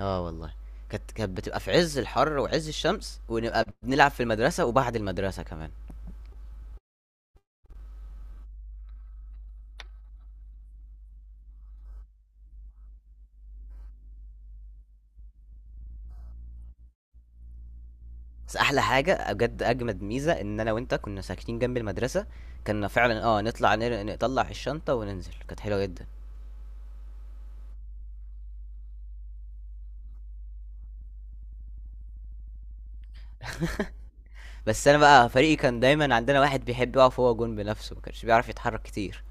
آه والله، كانت بتبقى في عز الحر وعز الشمس ونبقى بنلعب في المدرسة وبعد المدرسة كمان. بس أحلى حاجة بجد أجمد ميزة إن أنا وأنت كنا ساكنين جنب المدرسة. كنا فعلا نطلع نطلع الشنطة وننزل، كانت حلوة جدا. بس أنا بقى، فريقي كان دايما عندنا واحد بيحب يقف هو جون بنفسه، ما كانش بيعرف يتحرك كتير.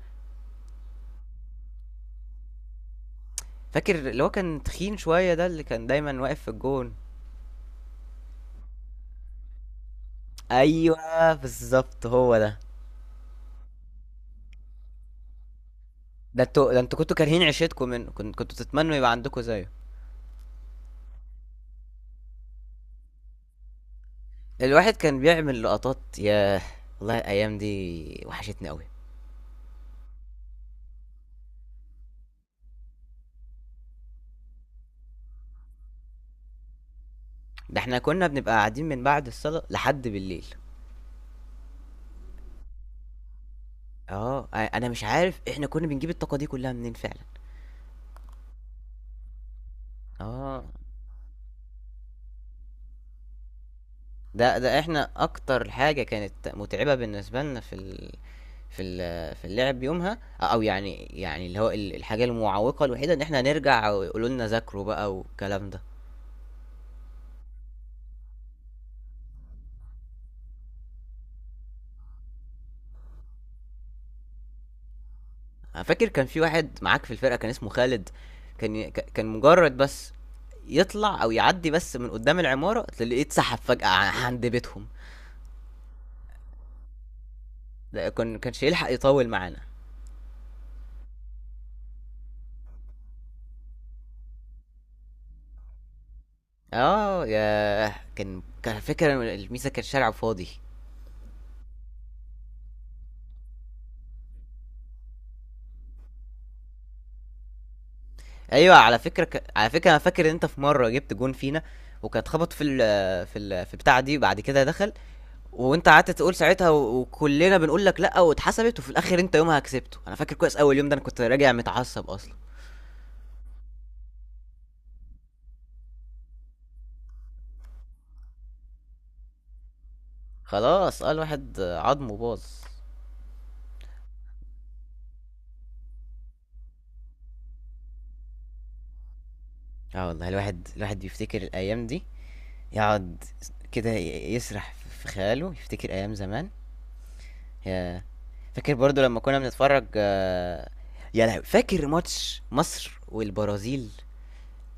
فاكر اللي هو كان تخين شوية، ده اللي كان دايما واقف في الجون؟ أيوه، بالظبط هو ده. ده انتوا كنتوا كارهين عيشتكم منه، كنتوا تتمنوا يبقى عندكم زيه. الواحد كان بيعمل لقطات، ياه! والله الأيام دي وحشتني أوي، ده إحنا كنا بنبقى قاعدين من بعد الصلاة لحد بالليل. آه، أنا مش عارف إحنا كنا بنجيب الطاقة دي كلها منين فعلًا. آه، ده إحنا أكتر حاجة كانت متعبة بالنسبة لنا في ال في ال في اللعب يومها، أو يعني اللي هو الحاجة المعوقة الوحيدة إن إحنا نرجع ويقولوا لنا ذاكروا بقى والكلام ده. انا فاكر كان في واحد معاك في الفرقه كان اسمه خالد، كان مجرد بس يطلع او يعدي بس من قدام العماره، تلاقيه اتسحب فجاه عند بيتهم. ده كانش يلحق يطول معانا. اه يا كان فكره الميزه، كان شارع فاضي. ايوه، على فكره على فكره، انا فاكر ان انت في مره جبت جون فينا، وكان اتخبط في ال في ال في بتاع دي، بعد كده دخل، وانت قعدت تقول ساعتها، وكلنا بنقول لك لا، واتحسبت، وفي الاخر انت يومها كسبته. انا فاكر كويس اول يوم ده، انا كنت راجع متعصب اصلا. خلاص، اه، الواحد عظمه باظ. اه والله، الواحد بيفتكر الايام دي، يقعد كده يسرح في خياله، يفتكر ايام زمان. يا فاكر برضو لما كنا بنتفرج يا لهوي، فاكر ماتش مصر والبرازيل،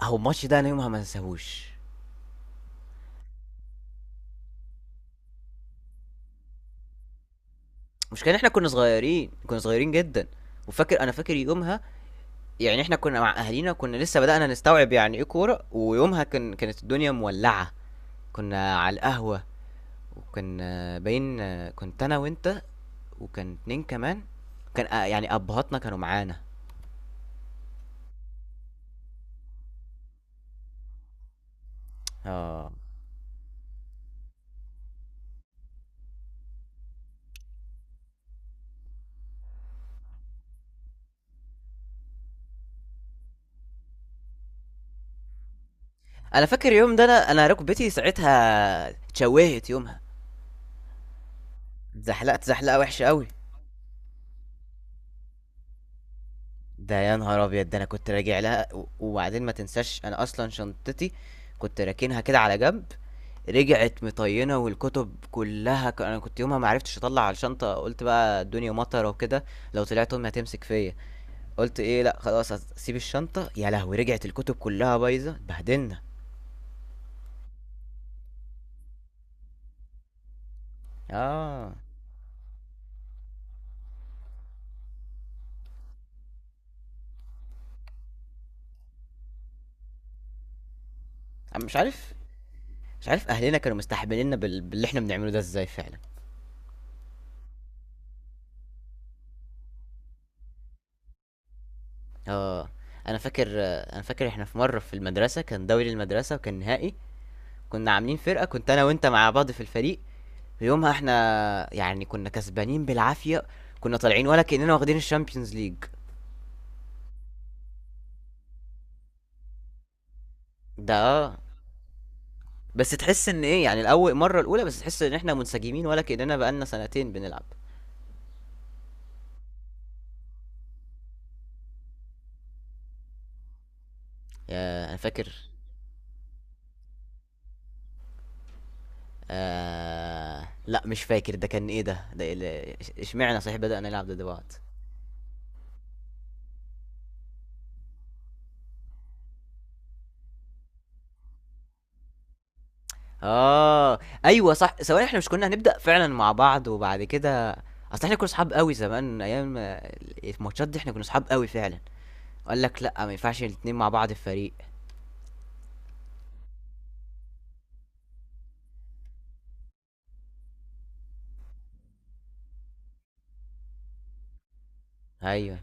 اهو الماتش ده انا يومها ما انساهوش. مش كان احنا كنا صغيرين؟ كنا صغيرين جدا. انا فاكر يومها، يعني احنا كنا مع اهالينا، كنا لسه بدأنا نستوعب يعني ايه كورة. ويومها كانت الدنيا مولعة، كنا على القهوة، وكان باين كنت انا وانت، وكان اتنين كمان. كان يعني ابهاتنا كانوا معانا. اه، انا فاكر اليوم ده، انا ركبتي ساعتها اتشوهت يومها، اتزحلقت زحلقه وحشه قوي. ده يا نهار ابيض! ده انا كنت راجع لها، وبعدين ما تنساش انا اصلا شنطتي كنت راكنها كده على جنب، رجعت مطينه والكتب كلها، انا كنت يومها ما عرفتش اطلع على الشنطه. قلت بقى الدنيا مطره وكده، لو طلعت امي هتمسك فيا، قلت ايه، لا خلاص هسيب الشنطة، يا لهوي، رجعت الكتب كلها بايظة، اتبهدلنا. اه، أنا مش عارف اهلنا كانوا مستحمليننا باللي احنا بنعمله ده ازاي فعلا. اه، انا فاكر انا فاكر احنا في مرة في المدرسة، كان دوري المدرسة وكان نهائي، كنا عاملين فرقة، كنت انا وانت مع بعض في الفريق، ويومها احنا يعني كنا كسبانين بالعافية، كنا طالعين ولا كأننا واخدين الشامبيونز ليج. ده، آه. بس تحس ان ايه؟ يعني الاول مرة الاولى، بس تحس ان احنا منسجمين ولا كأننا بقالنا سنتين بنلعب. انا فاكر. آه، لا مش فاكر، ده كان ايه؟ ده إيه اشمعنى صحيح بدأنا نلعب دلوقت؟ اه، ايوه صح، ثواني، احنا مش كنا هنبدأ فعلا مع بعض وبعد كده، اصل احنا كنا صحاب قوي زمان، ايام الماتشات دي، احنا كنا صحاب قوي فعلا. قال لك لا، ما ينفعش الاتنين مع بعض في فريق. ايوه.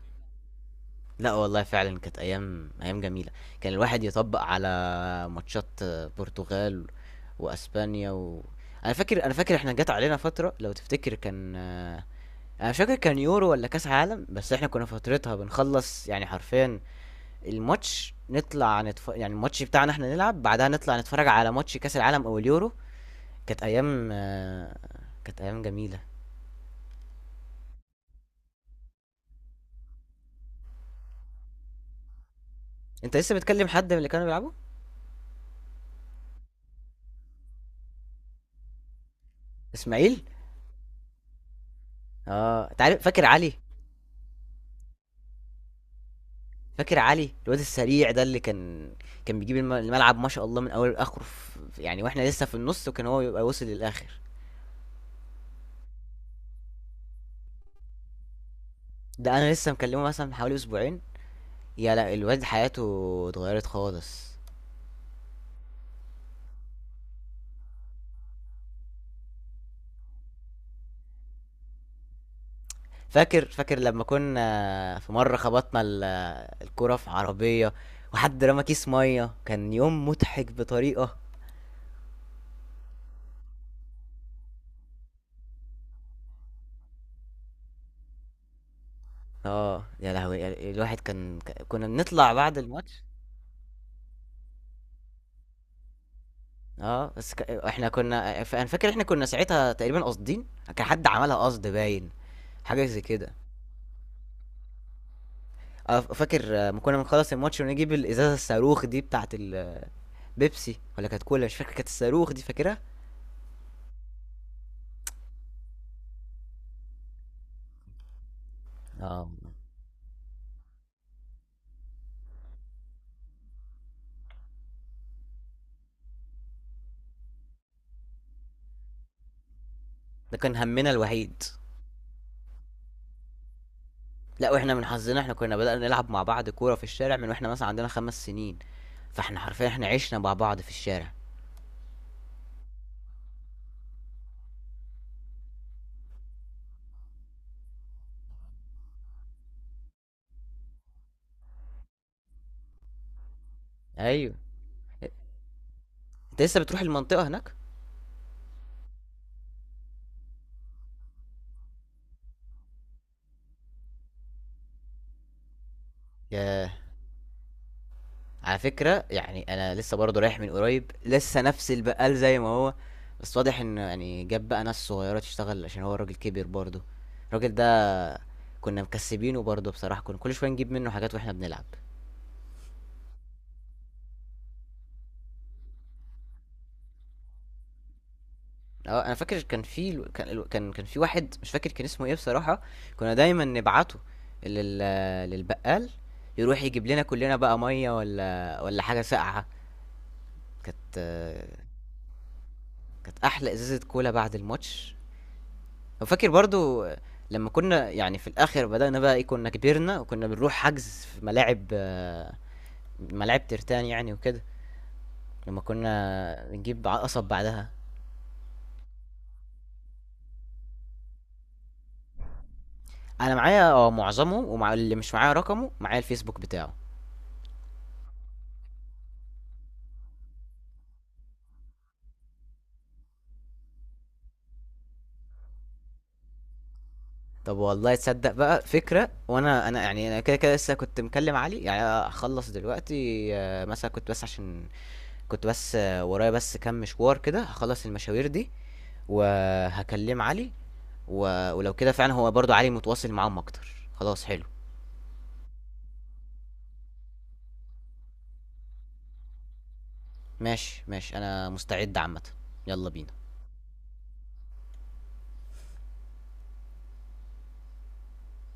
لا والله فعلا كانت ايام جميلة. كان الواحد يطبق على ماتشات برتغال واسبانيا انا فاكر احنا جت علينا فترة، لو تفتكر، كان انا مش فاكر كان يورو ولا كاس عالم. بس احنا كنا فترتها بنخلص يعني حرفيا الماتش، نطلع يعني الماتش بتاعنا احنا نلعب بعدها نطلع نتفرج على ماتش كاس العالم او اليورو. كانت ايام آه، كانت ايام جميله. انت لسه بتكلم حد من اللي كانوا بيلعبوا؟ اسماعيل. اه، انت عارف، فاكر علي؟ فاكر علي الواد السريع ده، اللي كان كان بيجيب الملعب ما شاء الله من اول لاخره، يعني واحنا لسه في النص وكان هو يبقى وصل للاخر. ده انا لسه مكلمه مثلا من حوالي اسبوعين، لا، الواد حياته اتغيرت خالص. فاكر لما كنا في مرة خبطنا الكرة في عربية، وحد رمى كيس مية، كان يوم مضحك بطريقة. اه، يا لهوي، الواحد كان، كنا بنطلع بعد الماتش. اه، بس احنا كنا انا فاكر احنا كنا ساعتها تقريبا قاصدين، كان حد عملها قصد باين، حاجة زي كده. اه، فاكر ما كنا بنخلص الماتش ونجيب الازازة الصاروخ دي بتاعت البيبسي، ولا كانت كولا، مش فاكر، كانت الصاروخ دي، فاكرها؟ اه، ده كان همنا الوحيد. لا، واحنا من حظنا احنا كنا بدأنا نلعب مع بعض كورة في الشارع من واحنا مثلا عندنا 5 سنين، فاحنا حرفيا احنا عشنا مع بعض في الشارع. ايوه، انت لسه بتروح المنطقة هناك؟ ياه، على فكرة يعني انا لسه برضه رايح من قريب، لسه نفس البقال زي ما هو، بس واضح ان يعني جاب بقى ناس صغيرة تشتغل عشان هو الراجل كبر برضه. الراجل ده، كنا مكسبينه برضه بصراحة، كنا كل شوية نجيب منه حاجات واحنا بنلعب. اه، انا فاكر كان في واحد، مش فاكر كان اسمه ايه بصراحة، كنا دايما نبعته لل للبقال، يروح يجيب لنا كلنا بقى مية ولا حاجة ساقعة. كانت كانت احلى ازازة كولا بعد الماتش. وفاكر برضو لما كنا يعني في الاخر بدأنا بقى، ايه كنا كبرنا وكنا بنروح حجز في ملاعب ملاعب ترتان يعني وكده، لما كنا بنجيب قصب بعدها. انا معايا، اه، معظمهم، ومع اللي مش معايا رقمه معايا الفيسبوك بتاعه. طب والله، تصدق بقى فكرة! وانا يعني كده كده لسه كنت مكلم علي، يعني هخلص دلوقتي مثلا، كنت بس عشان كنت بس ورايا بس كام مشوار كده، هخلص المشاوير دي وهكلم علي و... ولو كده فعلا هو برضو علي متواصل معاهم اكتر. خلاص، حلو. ماشي، ماشي، انا مستعد عامة. يلا بينا.